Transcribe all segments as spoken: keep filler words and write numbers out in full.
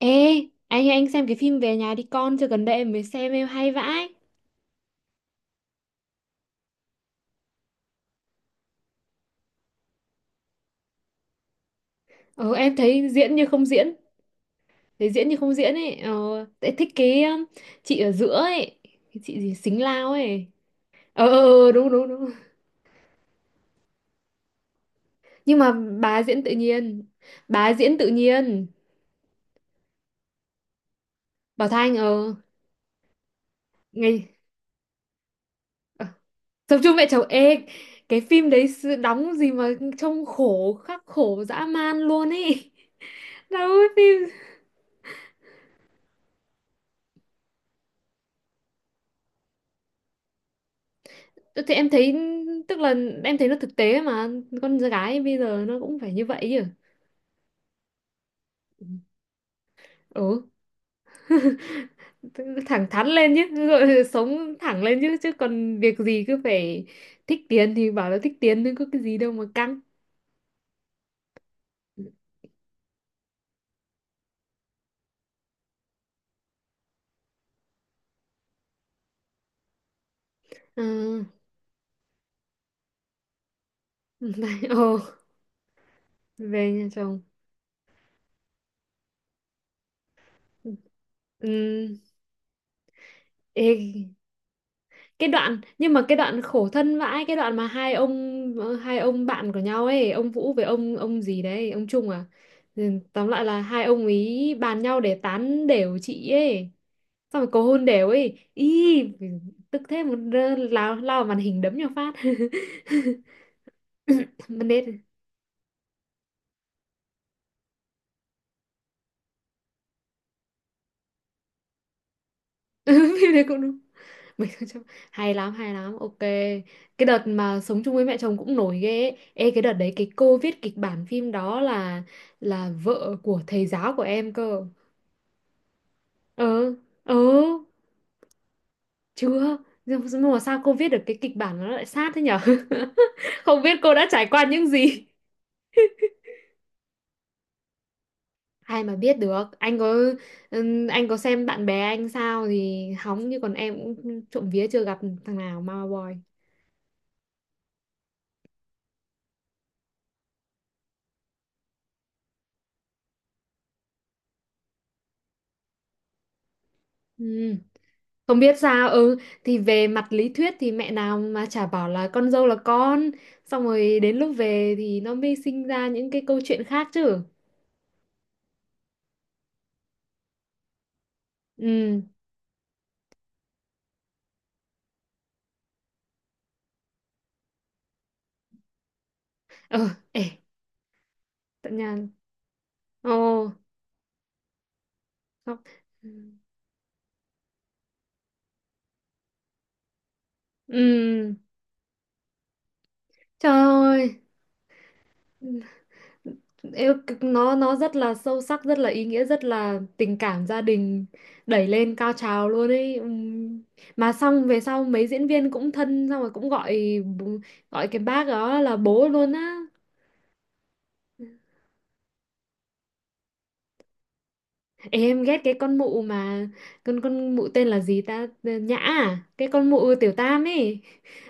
Ê, anh anh xem cái phim Về nhà đi con chưa? Gần đây em mới xem, em hay vãi. Ờ, em thấy diễn như không diễn, thấy diễn như không diễn ấy. Ờ, em thích cái um, chị ở giữa ấy, cái chị gì Xính Lao ấy. Ờ ờ, ờ, đúng đúng đúng. Nhưng mà bà diễn tự nhiên. Bà diễn tự nhiên. Bảo Thanh, ờ ngày, ờ, tập trung mẹ chồng, ê cái phim đấy, s- đóng gì mà trông khổ khắc khổ dã man luôn ấy. Đâu phim Ừ, thì em thấy, tức là em thấy nó thực tế mà con gái bây giờ nó cũng phải như vậy chứ. Ừ, tức- thẳng thắn lên chứ, rồi sống thẳng lên chứ chứ còn việc gì cứ phải thích tiền thì bảo là thích tiền, nhưng có cái gì đâu mà căng. À, ồ, về nhà chồng. Ừ, ê, cái đoạn nhưng mà cái đoạn khổ thân vãi, cái đoạn mà hai ông hai ông bạn của nhau ấy, ông Vũ với ông ông gì đấy, ông Trung à? Ừ, tóm lại là hai ông ý bàn nhau để tán đều chị ấy, xong rồi cầu hôn đều ấy ý, tức thế một rơ- lao lao vào màn hình đấm nhau phát. Mà nết. Ừ, phim đấy cũng đúng. Mình không chấp- hay lắm hay lắm, ok. Cái đợt mà sống chung với mẹ chồng cũng nổi ghê ấy. Ê, cái đợt đấy cái cô viết kịch bản phim đó là là vợ của thầy giáo của em cơ. Ừ, ừ, chưa, nhưng nhưng mà sao cô viết được cái kịch bản mà nó lại sát thế nhở? Không biết cô đã trải qua những gì. Ai mà biết được, anh có ừm, anh có xem bạn bè anh sao thì hóng, như còn em cũng trộm vía chưa gặp thằng nào mama boy. Ừ. Không biết sao, ừ thì về mặt lý thuyết thì mẹ nào mà chả bảo là con dâu là con, xong rồi đến lúc về thì nó mới sinh ra những cái câu chuyện khác chứ. Ừ. Ờ. Ê. Tận nhà. Ồ. Khóc. Ừ. Ừ, trời ơi. Ừ. Yêu- nó nó rất là sâu sắc, rất là ý nghĩa, rất là tình cảm gia đình đẩy lên cao trào luôn ấy. Ừm. Mà xong về sau mấy diễn viên cũng thân, xong rồi cũng gọi bố- gọi cái bác đó là bố luôn á. Ê, em ghét cái con mụ mà con con mụ tên là gì ta? Ờ, Nhã à? Cái con mụ tiểu tam ấy.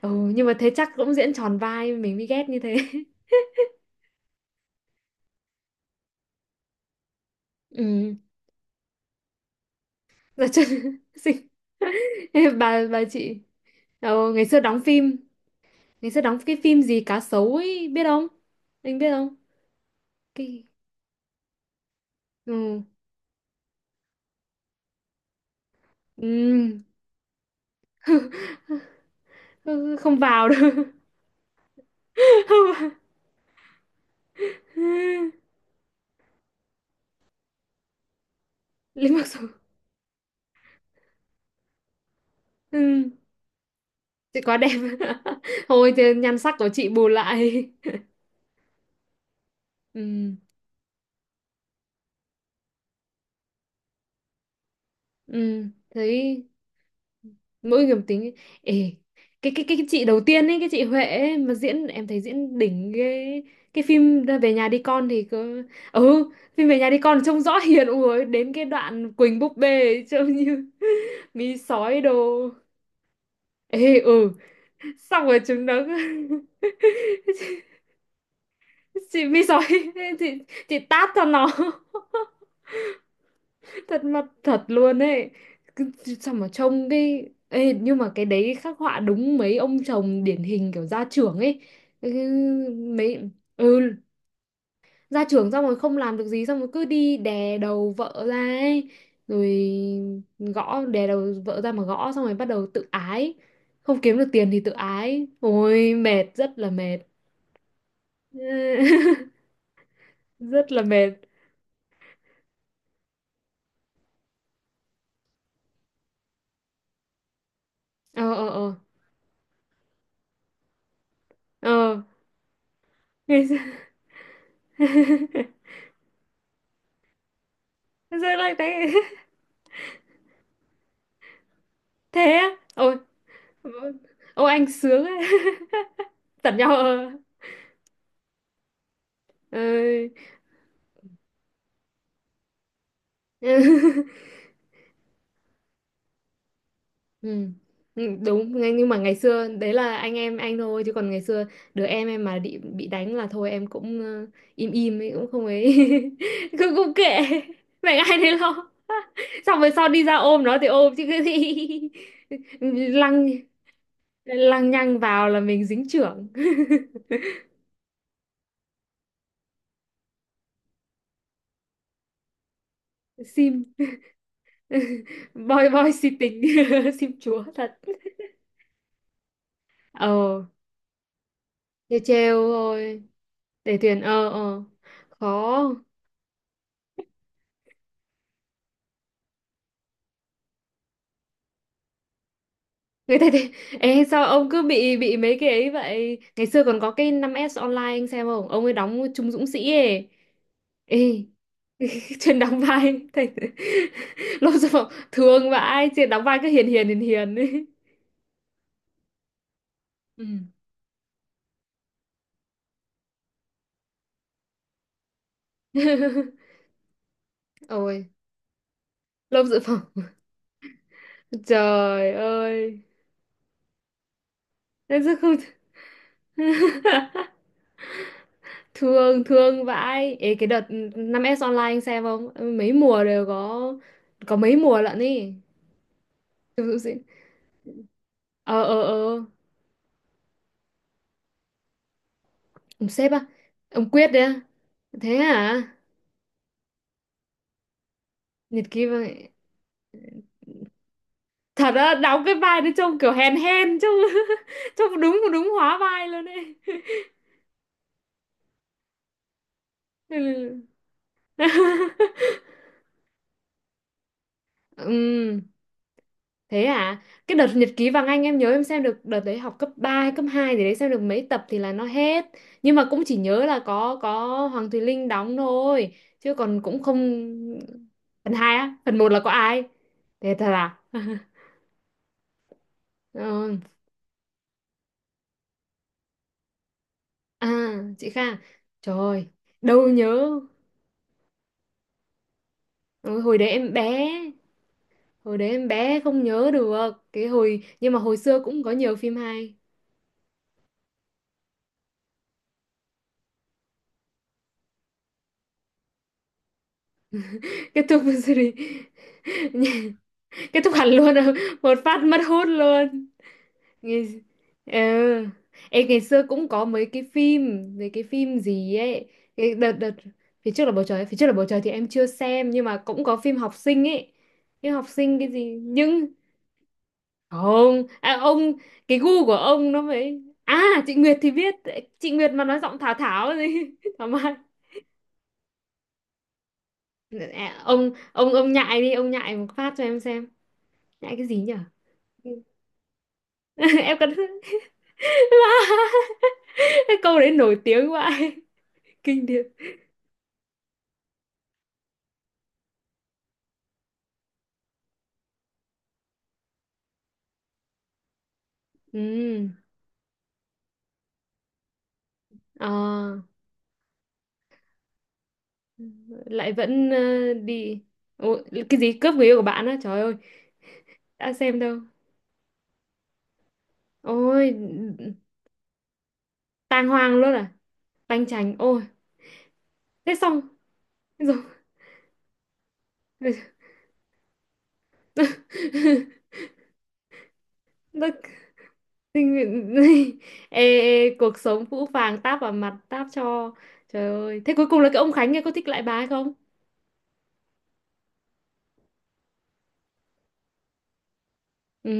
Ừ, nhưng mà thế chắc cũng diễn tròn vai, mình mới ghét như thế. Ừ. Dạ, chứ- bà bà chị, ờ, ngày xưa đóng phim. Mình sẽ đóng cái phim gì cá sấu ấy, biết không? Anh biết không? Cái— Ừ. Ừ. Ừ, không vào được. Không vào. Lý mặc dù— Ừ. Chị quá đẹp. Thôi thì nhan sắc của chị bù lại. Ừ. Ừ. Thấy mỗi người một tính, ê cái cái cái chị đầu tiên ấy, cái chị Huệ ấy, mà diễn, em thấy diễn đỉnh, cái cái phim Về nhà đi con thì cứ, ừ, phim Về nhà đi con trông rõ hiền ui, đến cái đoạn Quỳnh búp bê ấy, trông như mí sói đồ, ê, ừ, xong rồi chúng nó chị mí sói, chị chị tát cho nó, thật mặt thật luôn ấy. Cứ- sao mà trông cái. Ê, nhưng mà cái đấy khắc họa đúng mấy ông chồng điển hình kiểu gia trưởng ấy. Ừ, mấy, ừ gia trưởng xong rồi không làm được gì, xong rồi cứ đi đè đầu vợ ra ấy, rồi gõ đè đầu vợ ra mà gõ, xong rồi bắt đầu tự ái, không kiếm được tiền thì tự ái, ôi mệt, rất là mệt. Rất là mệt. Ờ, ờ, ờ, ờ. Ngày xưa- Rơi lại đấy. Thế á. Ồ. Vâng. Ô anh sướng ấy. Tận nhau ờ. Ơi. Ừ. Ừ, đúng ngay- nhưng mà ngày xưa đấy là anh em anh thôi, chứ còn ngày xưa đứa em em mà bị bị đánh là thôi, em cũng ờ, im im ấy, cũng không ấy. cũng cũng kệ mẹ ai đấy lo. Xong rồi sau đi ra ôm nó thì ôm chứ cái gì. lăng lăng nhăng vào là mình dính chưởng. Sim. boy boy si tình. Sim chúa thật. Ờ, để trêu thôi, để thuyền, ờ, ờ, khó. Người ta thì ê, sao ông cứ bị bị mấy cái ấy vậy? Ngày xưa còn có cái năm s online, anh xem không? Ông ấy đóng Trung Dũng Sĩ ấy. Ê, chuyên đóng vai thầy. Lúc sau thương vãi, chuyên đóng vai cứ hiền hiền hiền hiền ấy. Ừ. Ôi lông dự phòng, trời ơi, em rất không. Thương thương vãi. Ê, cái đợt năm s online anh xem không? Ừ, mấy mùa đều có có mấy mùa lận ý. Dụ gì- ờ, ờ, ờ, ông sếp à? Ông Quyết đấy à? Thế à? Nhật ký vậy? Thật á? Đóng cái vai nó trông kiểu hèn hèn, trông trông đúng đúng hóa vai luôn ấy. Ừ. Ừ, thế à? Cái đợt Nhật ký Vàng Anh, em nhớ em xem được đợt đấy học cấp ba hay cấp hai gì đấy, xem được mấy tập thì là nó hết. Nhưng mà cũng chỉ nhớ là có có Hoàng Thùy Linh đóng thôi, chứ còn cũng không. Phần hai á? Phần một là có ai? Thế thật à? Ờ. À, chị Kha. Trời ơi, đâu nhớ. Ừ, hồi đấy em bé, hồi đấy em bé không nhớ được. Cái hồi nhưng mà hồi xưa cũng có nhiều phim hay. Kết thúc series. Kết thúc hẳn luôn, một phát mất hút luôn. Ngày— Ờ. Ê, ngày xưa cũng có mấy cái phim mấy cái phim gì ấy, cái đợt đợt phía trước là bầu trời Phía trước là bầu trời thì em chưa xem, nhưng mà cũng có phim học sinh ấy. Phim học sinh cái gì nhưng, không à, ông, cái gu của ông nó phải. À, chị Nguyệt thì biết. Chị Nguyệt mà nói giọng Thảo, Thảo gì? Thảo Mai. À, ông ông ông nhại đi, ông nhại một phát cho em xem. Nhại cái gì nhở? Em cần. Cái câu đấy nổi tiếng quá. Kinh điển. Ừ, à, lại vẫn ờ, đi. Ủa, cái gì cướp người yêu của bạn á, trời ơi, đã xem đâu. Ôi tang hoang luôn à, tanh chành ôi. Thế xong rồi. Nó- ê, ê, cuộc sống phũ phàng táp vào mặt, táp cho. Trời ơi, thế cuối cùng là cái ông Khánh kia có thích lại bà hay không? Ừ,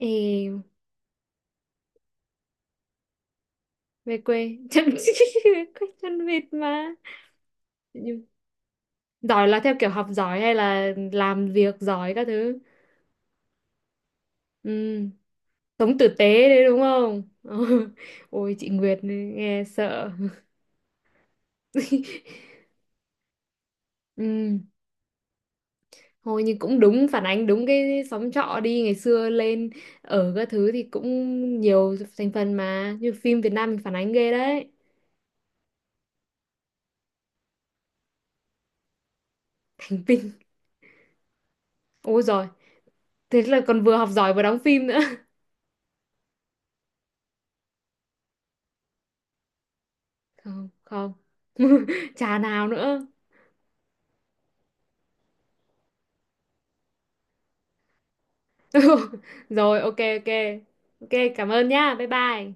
ê, về quê. Chân về quê chân vịt mà. Nhưng- giỏi là theo kiểu học giỏi hay là làm việc giỏi các thứ? Ừ, sống tử tế đấy đúng không? Ôi chị Nguyệt nghe sợ. Ừ, thôi nhưng cũng đúng, phản ánh đúng cái xóm trọ đi ngày xưa lên ở các thứ thì cũng nhiều thành phần, mà như phim Việt Nam mình phản ánh ghê đấy. Thành tinh, ôi giời, thế là còn vừa học giỏi vừa đóng phim nữa. Không không. Chả nào nữa. Rồi, ok, ok, ok, cảm ơn nhá, bye bye.